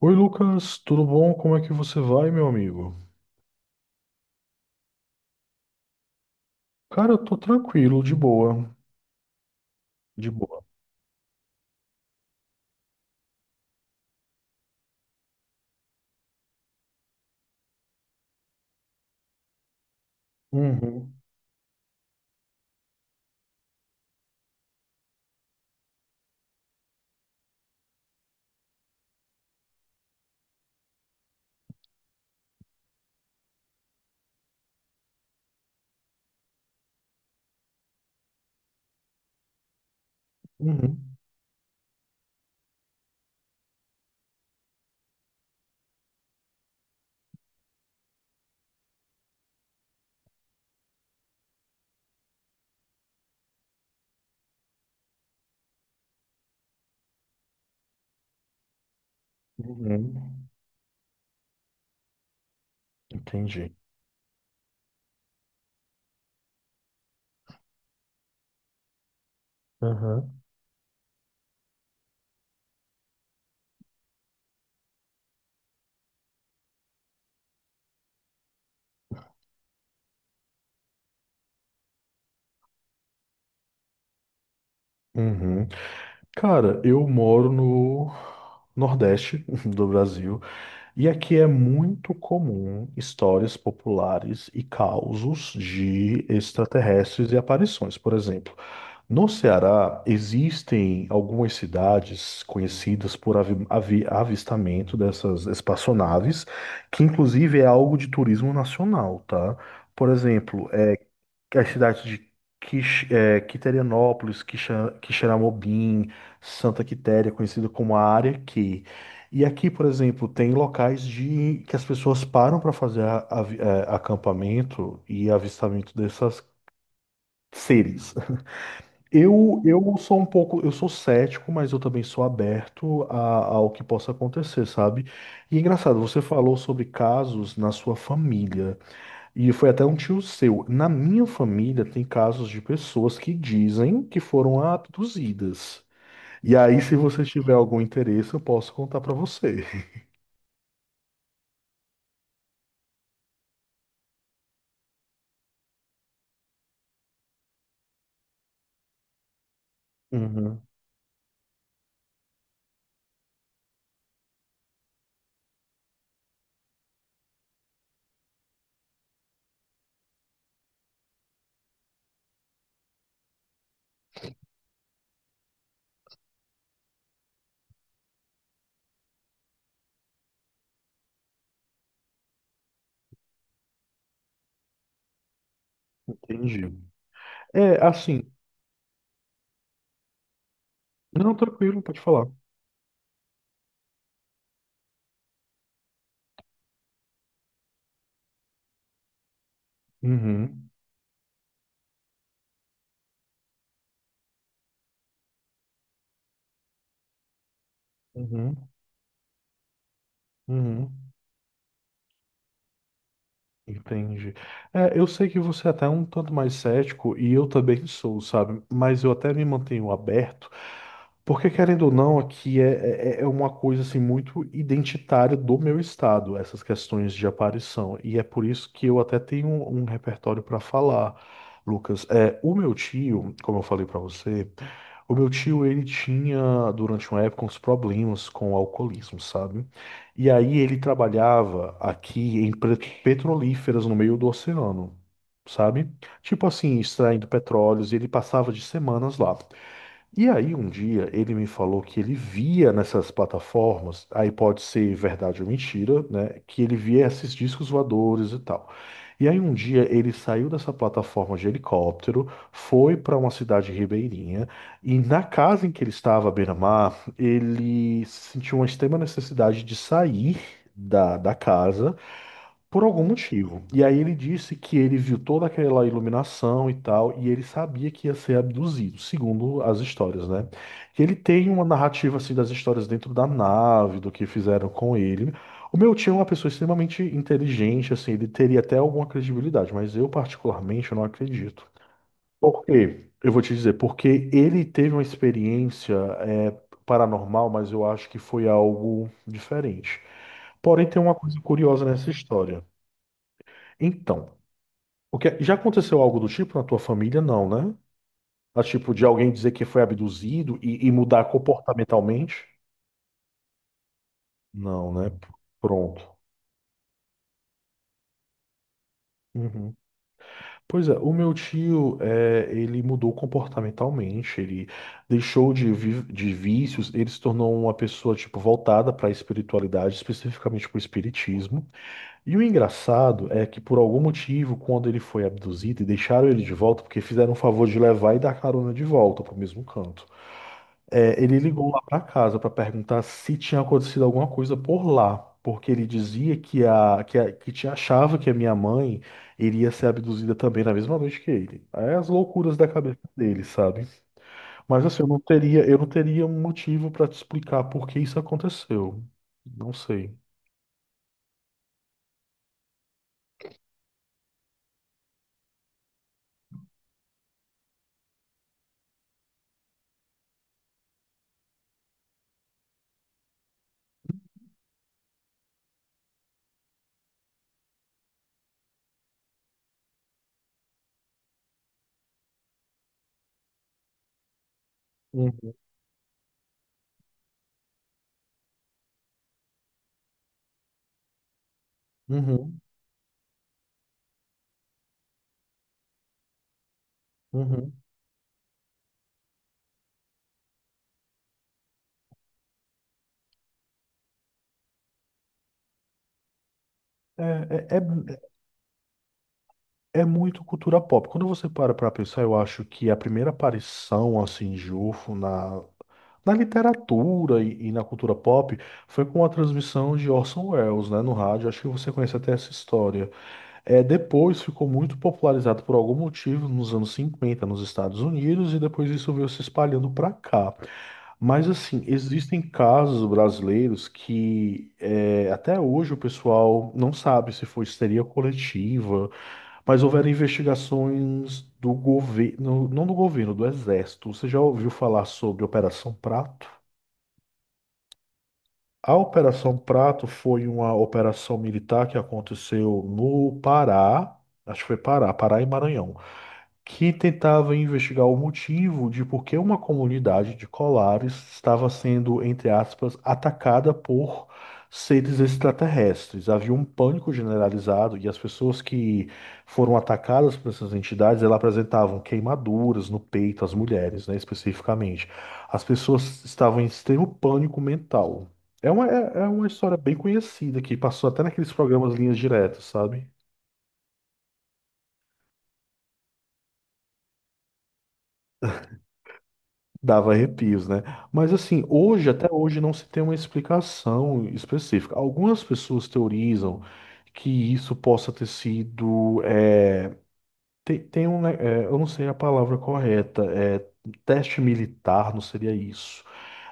Oi Lucas, tudo bom? Como é que você vai, meu amigo? Cara, eu tô tranquilo, de boa, de boa. Uhum, uhum, uhum. Entendi. Uhum, uhum. Cara, eu moro no Nordeste do Brasil, e aqui é muito comum histórias populares e causos de extraterrestres e aparições, por exemplo. No Ceará, existem algumas cidades conhecidas por avistamento dessas espaçonaves, que inclusive é algo de turismo nacional, tá? Por exemplo, as cidades de Quiterianópolis, Quixeramobim, Santa Quitéria, conhecida como a Área Q. E aqui, por exemplo, tem locais de que as pessoas param para fazer acampamento e avistamento dessas seres. Eu sou cético, mas eu também sou aberto ao que possa acontecer, sabe? E é engraçado, você falou sobre casos na sua família, e foi até um tio seu. Na minha família tem casos de pessoas que dizem que foram abduzidas. E aí, se você tiver algum interesse, eu posso contar pra você. Uhum, entendi. É, assim, não, tranquilo, pode falar. Uhum, uhum, uhum. Entendi. É, eu sei que você é até um tanto mais cético, e eu também sou, sabe? Mas eu até me mantenho aberto, porque querendo ou não, aqui é, é uma coisa assim muito identitária do meu estado, essas questões de aparição. E é por isso que eu até tenho um repertório para falar, Lucas. É, o meu tio, como eu falei para você, o meu tio ele tinha durante uma época uns problemas com o alcoolismo, sabe? E aí ele trabalhava aqui em petrolíferas no meio do oceano, sabe? Tipo assim, extraindo petróleos, e ele passava de semanas lá. E aí, um dia, ele me falou que ele via nessas plataformas, aí pode ser verdade ou mentira, né? Que ele via esses discos voadores e tal. E aí, um dia, ele saiu dessa plataforma de helicóptero, foi para uma cidade ribeirinha, e na casa em que ele estava, à beira-mar, ele sentiu uma extrema necessidade de sair da casa por algum motivo. E aí ele disse que ele viu toda aquela iluminação e tal, e ele sabia que ia ser abduzido, segundo as histórias, né? Que ele tem uma narrativa assim das histórias dentro da nave, do que fizeram com ele. O meu tio é uma pessoa extremamente inteligente, assim, ele teria até alguma credibilidade, mas eu particularmente não acredito. Por quê? Eu vou te dizer, porque ele teve uma experiência é, paranormal, mas eu acho que foi algo diferente. Porém, tem uma coisa curiosa nessa história. Então, porque já aconteceu algo do tipo na tua família? Não, né? Ah, tipo, de alguém dizer que foi abduzido e mudar comportamentalmente? Não, né? Pronto. Uhum. Pois é, o meu tio, é, ele mudou comportamentalmente, ele deixou de vícios, ele se tornou uma pessoa, tipo, voltada para a espiritualidade, especificamente para o espiritismo. E o engraçado é que, por algum motivo, quando ele foi abduzido e deixaram ele de volta, porque fizeram o favor de levar e dar carona de volta para o mesmo canto. É, ele ligou lá para casa para perguntar se tinha acontecido alguma coisa por lá, porque ele dizia que achava que a minha mãe iria ser abduzida também na mesma noite que ele. É as loucuras da cabeça dele, sabe? Mas assim, eu não teria um motivo para te explicar por que isso aconteceu. Não sei. Uhum, uhum, uhum. É, é, é É muito cultura pop. Quando você para para pensar, eu acho que a primeira aparição, assim, de UFO na, literatura e na cultura pop foi com a transmissão de Orson Welles, né, no rádio. Acho que você conhece até essa história. É, depois ficou muito popularizado por algum motivo nos anos 50 nos Estados Unidos, e depois isso veio se espalhando para cá. Mas assim, existem casos brasileiros que é, até hoje o pessoal não sabe se foi histeria coletiva, mas houveram investigações do governo, não do governo, do exército. Você já ouviu falar sobre Operação Prato? A Operação Prato foi uma operação militar que aconteceu no Pará, acho que foi Pará, Pará e Maranhão, que tentava investigar o motivo de por que uma comunidade de colares estava sendo, entre aspas, atacada por seres extraterrestres. Havia um pânico generalizado, e as pessoas que foram atacadas por essas entidades, elas apresentavam queimaduras no peito, as mulheres, né, especificamente. As pessoas estavam em extremo pânico mental. É uma uma história bem conhecida que passou até naqueles programas Linhas Diretas, sabe? Dava arrepios, né? Mas assim, hoje, até hoje, não se tem uma explicação específica. Algumas pessoas teorizam que isso possa ter sido. É, tem um, né, é, eu não sei a palavra correta, é, teste militar, não seria isso.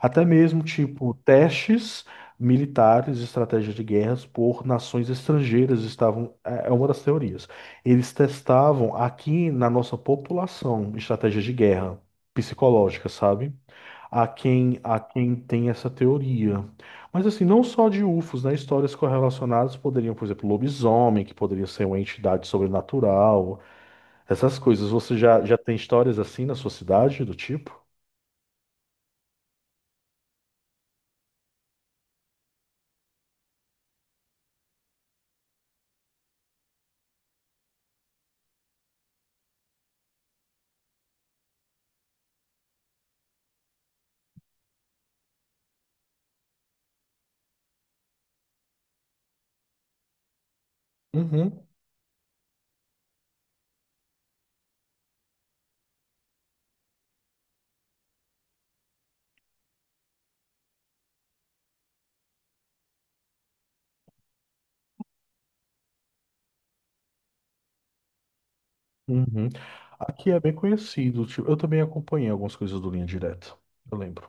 Até mesmo, tipo, testes militares, estratégias de guerras por nações estrangeiras estavam. É é uma das teorias. Eles testavam aqui na nossa população estratégias de guerra psicológica, sabe? A quem tem essa teoria. Mas assim, não só de UFOs, né? Histórias correlacionadas poderiam, por exemplo, lobisomem, que poderia ser uma entidade sobrenatural, essas coisas. Você já tem histórias assim na sua cidade, do tipo? Uhum. Uhum. Aqui é bem conhecido. Tipo, eu também acompanhei algumas coisas do Linha Direta. Eu lembro.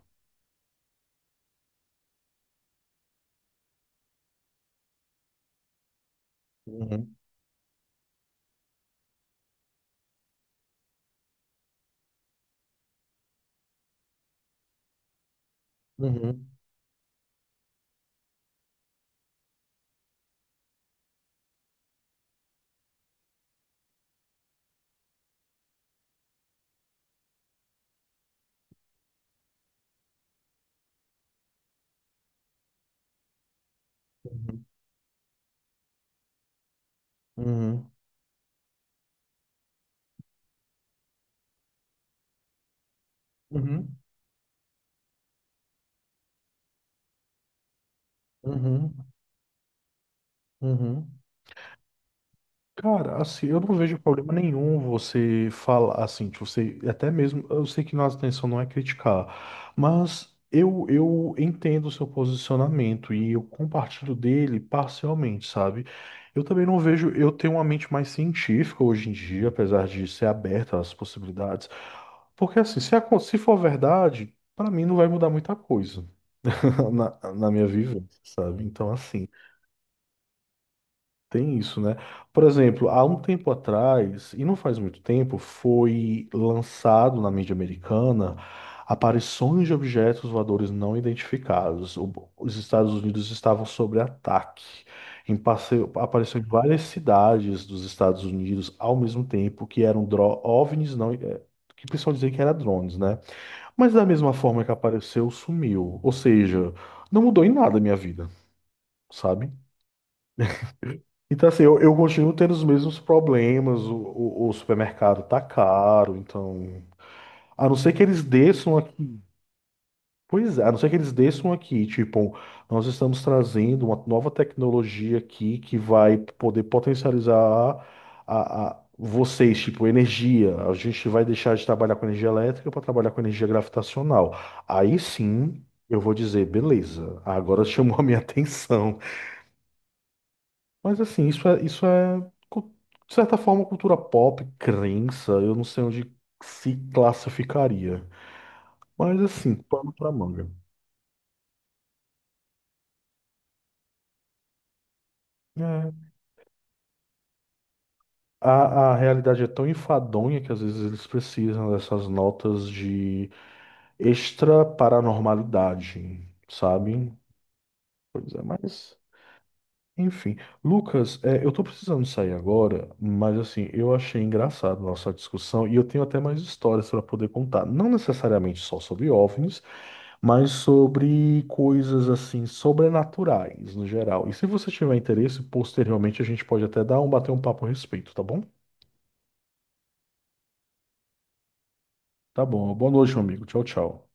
Uhum. Uhum. Uhum. Uhum. Uhum. Uhum. Uhum. Cara, assim, eu não vejo problema nenhum você falar, assim, de você, até mesmo, eu sei que nossa intenção não é criticar, mas eu entendo o seu posicionamento e eu compartilho dele parcialmente, sabe? Eu também não vejo, eu tenho uma mente mais científica hoje em dia, apesar de ser aberta às possibilidades, porque assim, se, se for verdade, pra mim não vai mudar muita coisa na, minha vivência, sabe? Então, assim. Tem isso, né? Por exemplo, há um tempo atrás, e não faz muito tempo, foi lançado na mídia americana aparições de objetos voadores não identificados. Os Estados Unidos estavam sob ataque. Em passeio, apareceu em várias cidades dos Estados Unidos ao mesmo tempo que eram OVNIs, não, é, que o pessoal dizia que era drones, né? Mas da mesma forma que apareceu, sumiu. Ou seja, não mudou em nada a minha vida, sabe? Então, assim, eu continuo tendo os mesmos problemas. O supermercado tá caro, então. A não ser que eles desçam aqui. Pois é, a não ser que eles desçam aqui. Tipo, nós estamos trazendo uma nova tecnologia aqui que vai poder potencializar a vocês, tipo, energia. A gente vai deixar de trabalhar com energia elétrica para trabalhar com energia gravitacional. Aí sim, eu vou dizer, beleza, agora chamou a minha atenção. Mas assim, isso é, cu- de certa forma, cultura pop, crença, eu não sei onde se classificaria. Mas assim, pano pra manga. É. A, a realidade é tão enfadonha que às vezes eles precisam dessas notas de extra paranormalidade, sabe? Pois é, mas. Enfim. Lucas, é, eu tô precisando sair agora, mas assim, eu achei engraçado a nossa discussão, e eu tenho até mais histórias para poder contar. Não necessariamente só sobre OVNIs, mas sobre coisas assim sobrenaturais no geral. E se você tiver interesse, posteriormente a gente pode até dar um bater um papo a respeito, tá bom? Tá bom. Boa noite, meu amigo. Tchau, tchau.